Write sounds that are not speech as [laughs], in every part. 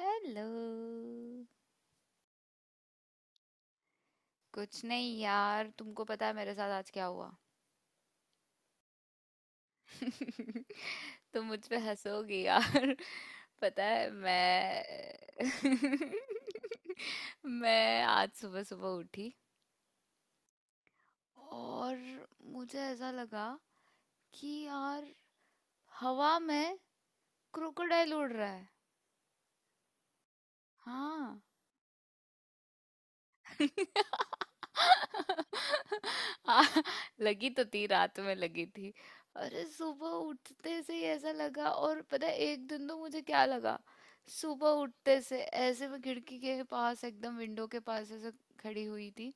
Hello. कुछ नहीं यार, तुमको पता है मेरे साथ आज क्या हुआ? [laughs] तुम मुझ पे हंसोगी यार। [laughs] पता है मैं [laughs] मैं आज सुबह सुबह उठी, और मुझे ऐसा लगा कि यार, हवा में क्रोकोडाइल उड़ रहा है। हाँ। [laughs] आ, लगी तो थी, रात में लगी थी। अरे सुबह उठते से ही ऐसा लगा। और पता है, एक दिन तो मुझे क्या लगा, सुबह उठते से ऐसे मैं खिड़की के पास, एकदम विंडो के पास ऐसे खड़ी हुई थी।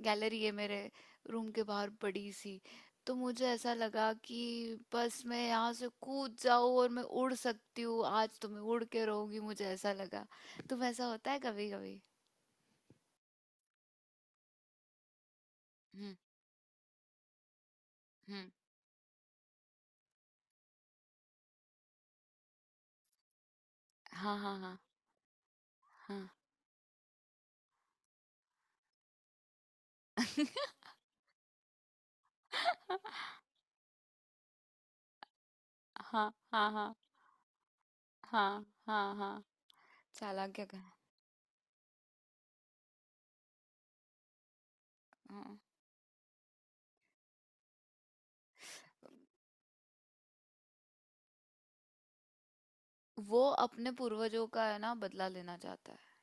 गैलरी है मेरे रूम के बाहर बड़ी सी। तो मुझे ऐसा लगा कि बस मैं यहाँ से कूद जाऊँ, और मैं उड़ सकती हूँ, आज तो मैं उड़ के रहूंगी। मुझे ऐसा लगा। तुम, ऐसा होता है कभी कभी? हम्म। हाँ, हाँ, हाँ, हाँ। [laughs] हाँ, हाँ, हाँ, हाँ, हाँ, हाँ। चालाक्य का है। हाँ। वो अपने पूर्वजों का है ना, बदला लेना चाहता है,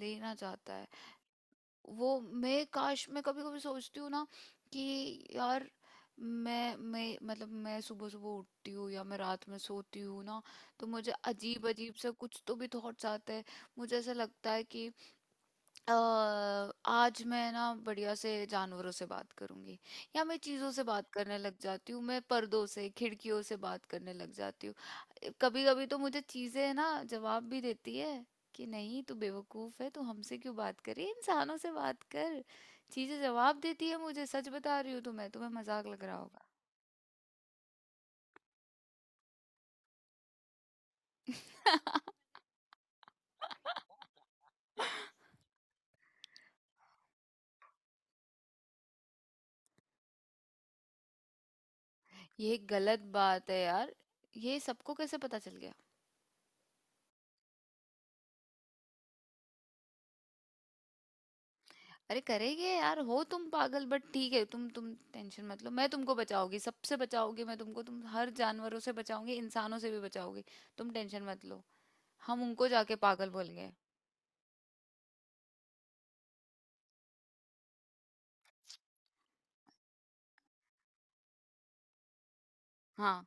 लेना चाहता है। वो, मैं काश, मैं कभी कभी सोचती हूँ ना कि यार, मैं मतलब मैं सुबह सुबह उठती हूँ, या मैं रात में सोती हूँ ना, तो मुझे अजीब अजीब से कुछ तो भी थॉट्स आते हैं। मुझे ऐसा लगता है कि अ, आज मैं ना बढ़िया से जानवरों से बात करूंगी, या मैं चीजों से बात करने लग जाती हूँ, मैं पर्दों से, खिड़कियों से बात करने लग जाती हूँ। कभी कभी तो मुझे चीजें ना जवाब भी देती है कि नहीं, तू बेवकूफ है, तू हमसे क्यों बात कर रही है, इंसानों से बात कर। चीजें जवाब देती है मुझे, सच बता रही हूँ। तुम्हें तुम्हें मजाक लग रहा होगा। [laughs] ये गलत बात है यार। ये सबको कैसे पता चल गया? अरे करेंगे यार, हो तुम पागल। बट ठीक है, तुम टेंशन मत लो, मैं तुमको बचाऊंगी, सबसे बचाऊंगी मैं तुमको। तुम हर जानवरों से बचाऊंगी, इंसानों से भी बचाऊंगी। तुम टेंशन मत लो। हम उनको जाके पागल बोल गए। हाँ।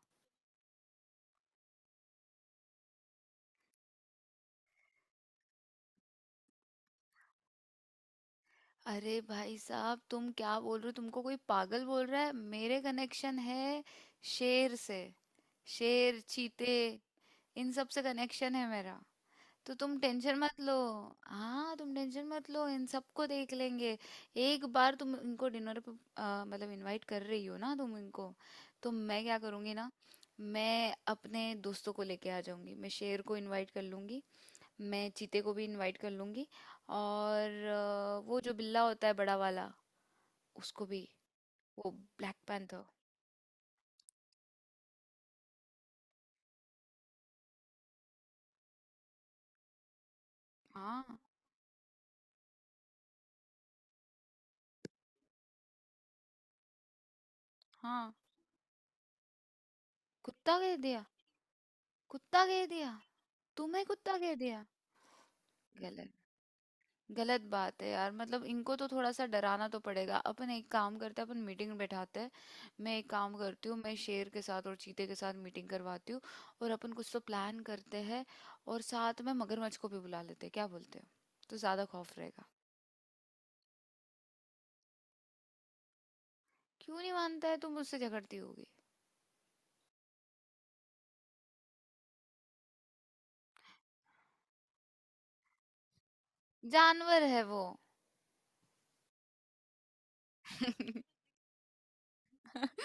अरे भाई साहब, तुम क्या बोल रहे हो? तुमको कोई पागल बोल रहा है? मेरे कनेक्शन है शेर से। शेर, चीते, इन सब से कनेक्शन है मेरा, तो तुम टेंशन मत लो। हाँ, तुम टेंशन मत लो, इन सबको देख लेंगे। एक बार तुम इनको डिनर पे मतलब इनवाइट कर रही हो ना तुम इनको, तो मैं क्या करूँगी ना, मैं अपने दोस्तों को लेके आ जाऊंगी। मैं शेर को इनवाइट कर लूंगी, मैं चीते को भी इनवाइट कर लूंगी, और वो जो बिल्ला होता है बड़ा वाला, उसको भी। वो ब्लैक पैंथर। हाँ, हाँ। कुत्ता कह दिया? कुत्ता कह दिया? तुम्हें कुत्ता कह दिया? गलत। गलत बात है यार। मतलब इनको तो थोड़ा सा डराना तो पड़ेगा। अपन एक काम करते हैं, अपन मीटिंग बैठाते हैं। मैं एक काम करती हूँ, मैं शेर के साथ और चीते के साथ मीटिंग करवाती हूँ, और अपन कुछ तो प्लान करते हैं, और साथ में मगरमच्छ को भी बुला लेते हैं। क्या बोलते हो? तो ज्यादा खौफ रहेगा। क्यों नहीं मानता है? तुम मुझसे झगड़ती होगी। जानवर है वो। [laughs]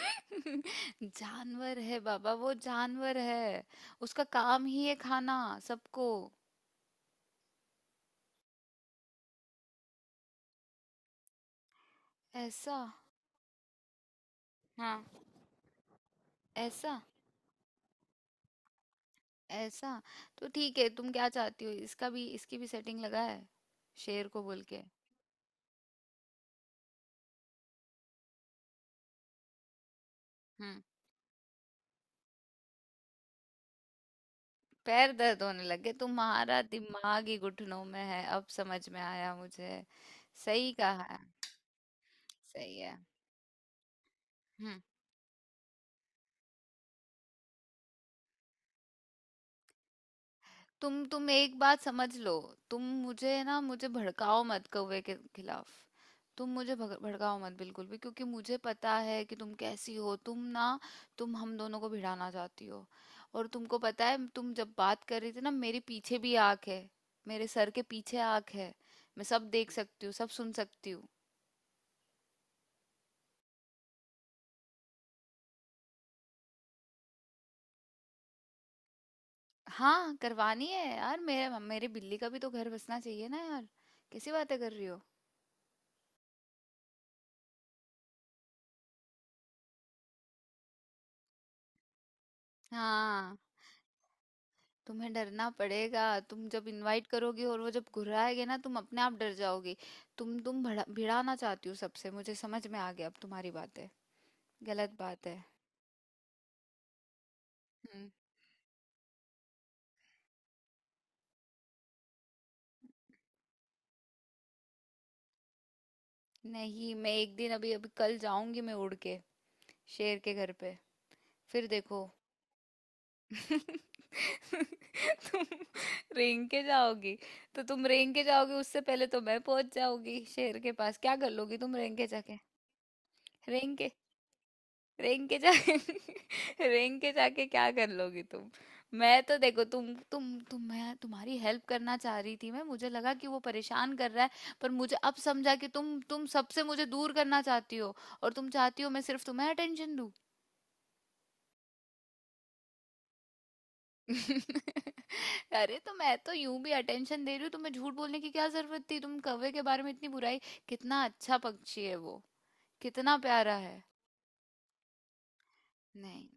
जानवर है बाबा, वो जानवर है। उसका काम ही है खाना सबको। ऐसा? हाँ। ऐसा? ऐसा? तो ठीक है, तुम क्या चाहती हो, इसका भी, इसकी भी सेटिंग लगा है, शेर को बोल के? हम्म। पैर दर्द होने लगे? तुम्हारा दिमाग ही घुटनों में है, अब समझ में आया मुझे। सही कहा है। सही है। हम्म। तुम एक बात समझ लो, तुम मुझे ना, मुझे भड़काओ मत कौवे के खिलाफ। तुम मुझे भड़काओ मत बिल्कुल भी, क्योंकि मुझे पता है कि तुम कैसी हो। तुम ना, तुम हम दोनों को भिड़ाना चाहती हो। और तुमको पता है, तुम जब बात कर रही थी ना, मेरे पीछे भी आँख है। मेरे सर के पीछे आँख है। मैं सब देख सकती हूँ, सब सुन सकती हूँ। हाँ, करवानी है यार, मेरे मेरे बिल्ली का भी तो घर बसना चाहिए ना यार। कैसी बातें कर रही हो? हाँ, तुम्हें डरना पड़ेगा। तुम जब इनवाइट करोगी और वो जब घुर्राएंगे ना, तुम अपने आप डर जाओगी। तुम भड़ा भिड़ाना चाहती हो सबसे, मुझे समझ में आ गया अब तुम्हारी बातें। गलत बात है। हम्म। नहीं, मैं एक दिन, अभी अभी, कल जाऊंगी मैं उड़ के, शेर के घर पे। फिर देखो। [laughs] तुम रेंग के जाओगी? तो तुम रेंग के जाओगी, उससे पहले तो मैं पहुंच जाऊंगी शेर के पास। क्या कर लोगी तुम रेंग के जाके? रेंग के, रेंग के जा। [laughs] रेंग के जाके क्या कर लोगी तुम? मैं तो देखो, तुम मैं तुम्हारी हेल्प करना चाह रही थी। मैं मुझे लगा कि वो परेशान कर रहा है। पर मुझे अब समझा कि तुम सबसे मुझे दूर करना चाहती हो, और तुम चाहती हो मैं सिर्फ तुम्हें अटेंशन दूं। [laughs] अरे तो मैं तो यूं भी अटेंशन दे रही हूँ तुम्हें, झूठ बोलने की क्या जरूरत थी? तुम कौवे के बारे में इतनी बुराई। कितना अच्छा पक्षी है वो, कितना प्यारा है। नहीं।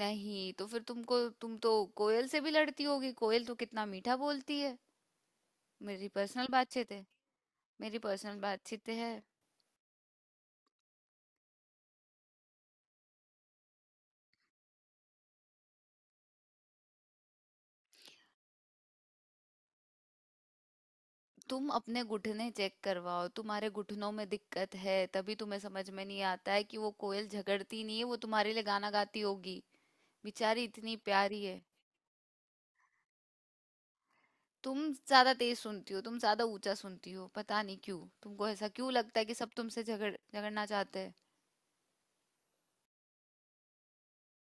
नहीं, तो फिर तुमको, तुम तो कोयल से भी लड़ती होगी। कोयल तो कितना मीठा बोलती है। मेरी पर्सनल बातचीत है। मेरी पर्सनल बातचीत है। तुम अपने घुटने चेक करवाओ, तुम्हारे घुटनों में दिक्कत है। तभी तुम्हें समझ में नहीं आता है कि वो कोयल झगड़ती नहीं है, वो तुम्हारे लिए गाना गाती होगी। बेचारी इतनी प्यारी है। तुम ज्यादा तेज सुनती हो, तुम ज्यादा ऊंचा सुनती हो। पता नहीं क्यों तुमको ऐसा क्यों लगता है कि सब तुमसे झगड़ना चाहते हैं।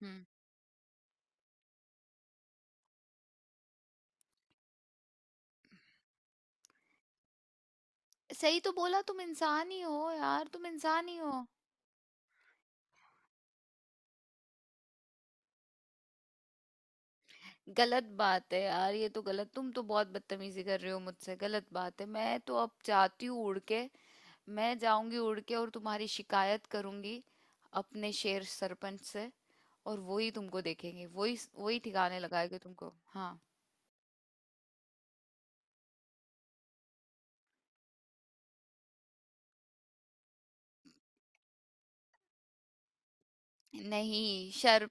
हम्म। सही तो बोला, तुम इंसान ही हो यार, तुम इंसान ही हो। गलत बात है यार, ये तो गलत। तुम तो बहुत बदतमीजी कर रहे हो मुझसे। गलत बात है। मैं तो अब जाती हूँ उड़ के। मैं जाऊंगी उड़ के, और तुम्हारी शिकायत करूंगी अपने शेर सरपंच से। और वो ही तुमको देखेंगे, वही वही ठिकाने लगाएंगे तुमको। हाँ। नहीं, शर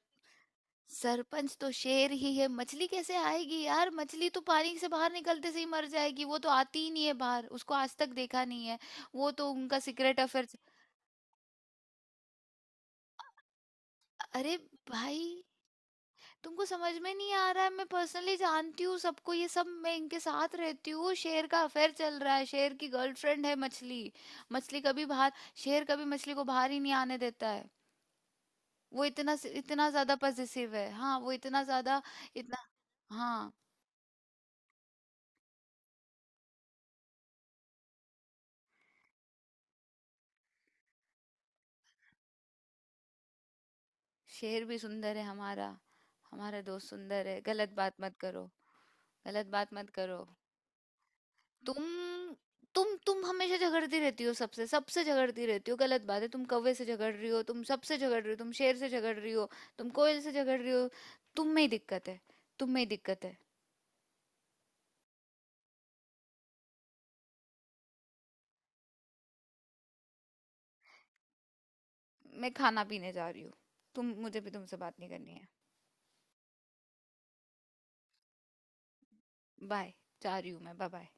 सरपंच तो शेर ही है, मछली कैसे आएगी यार? मछली तो पानी से बाहर निकलते से ही मर जाएगी, वो तो आती ही नहीं है बाहर, उसको आज तक देखा नहीं है। वो तो उनका सीक्रेट अफेयर। अरे भाई, तुमको समझ में नहीं आ रहा है, मैं पर्सनली जानती हूँ सबको। ये सब, मैं इनके साथ रहती हूँ। शेर का अफेयर चल रहा है, शेर की गर्लफ्रेंड है मछली। मछली कभी बाहर, शेर कभी मछली को बाहर ही नहीं आने देता है। वो इतना, इतना ज्यादा पजेसिव है। हाँ, वो इतना ज्यादा, इतना। हाँ, शेर भी सुंदर है हमारा, हमारा दोस्त सुंदर है, गलत बात मत करो। गलत बात मत करो। तुम तुम हमेशा झगड़ती रहती हो सबसे सबसे झगड़ती रहती हो। गलत बात है, तुम कौवे से झगड़ रही हो, तुम सबसे झगड़ रही हो, तुम शेर से झगड़ रही हो, तुम कोयल से झगड़ रही हो। तुम में ही दिक्कत है। तुम में ही दिक्कत है। मैं खाना पीने जा रही हूँ। तुम, मुझे भी तुमसे बात नहीं करनी है। बाय। जा रही हूँ मैं। Bye, bye.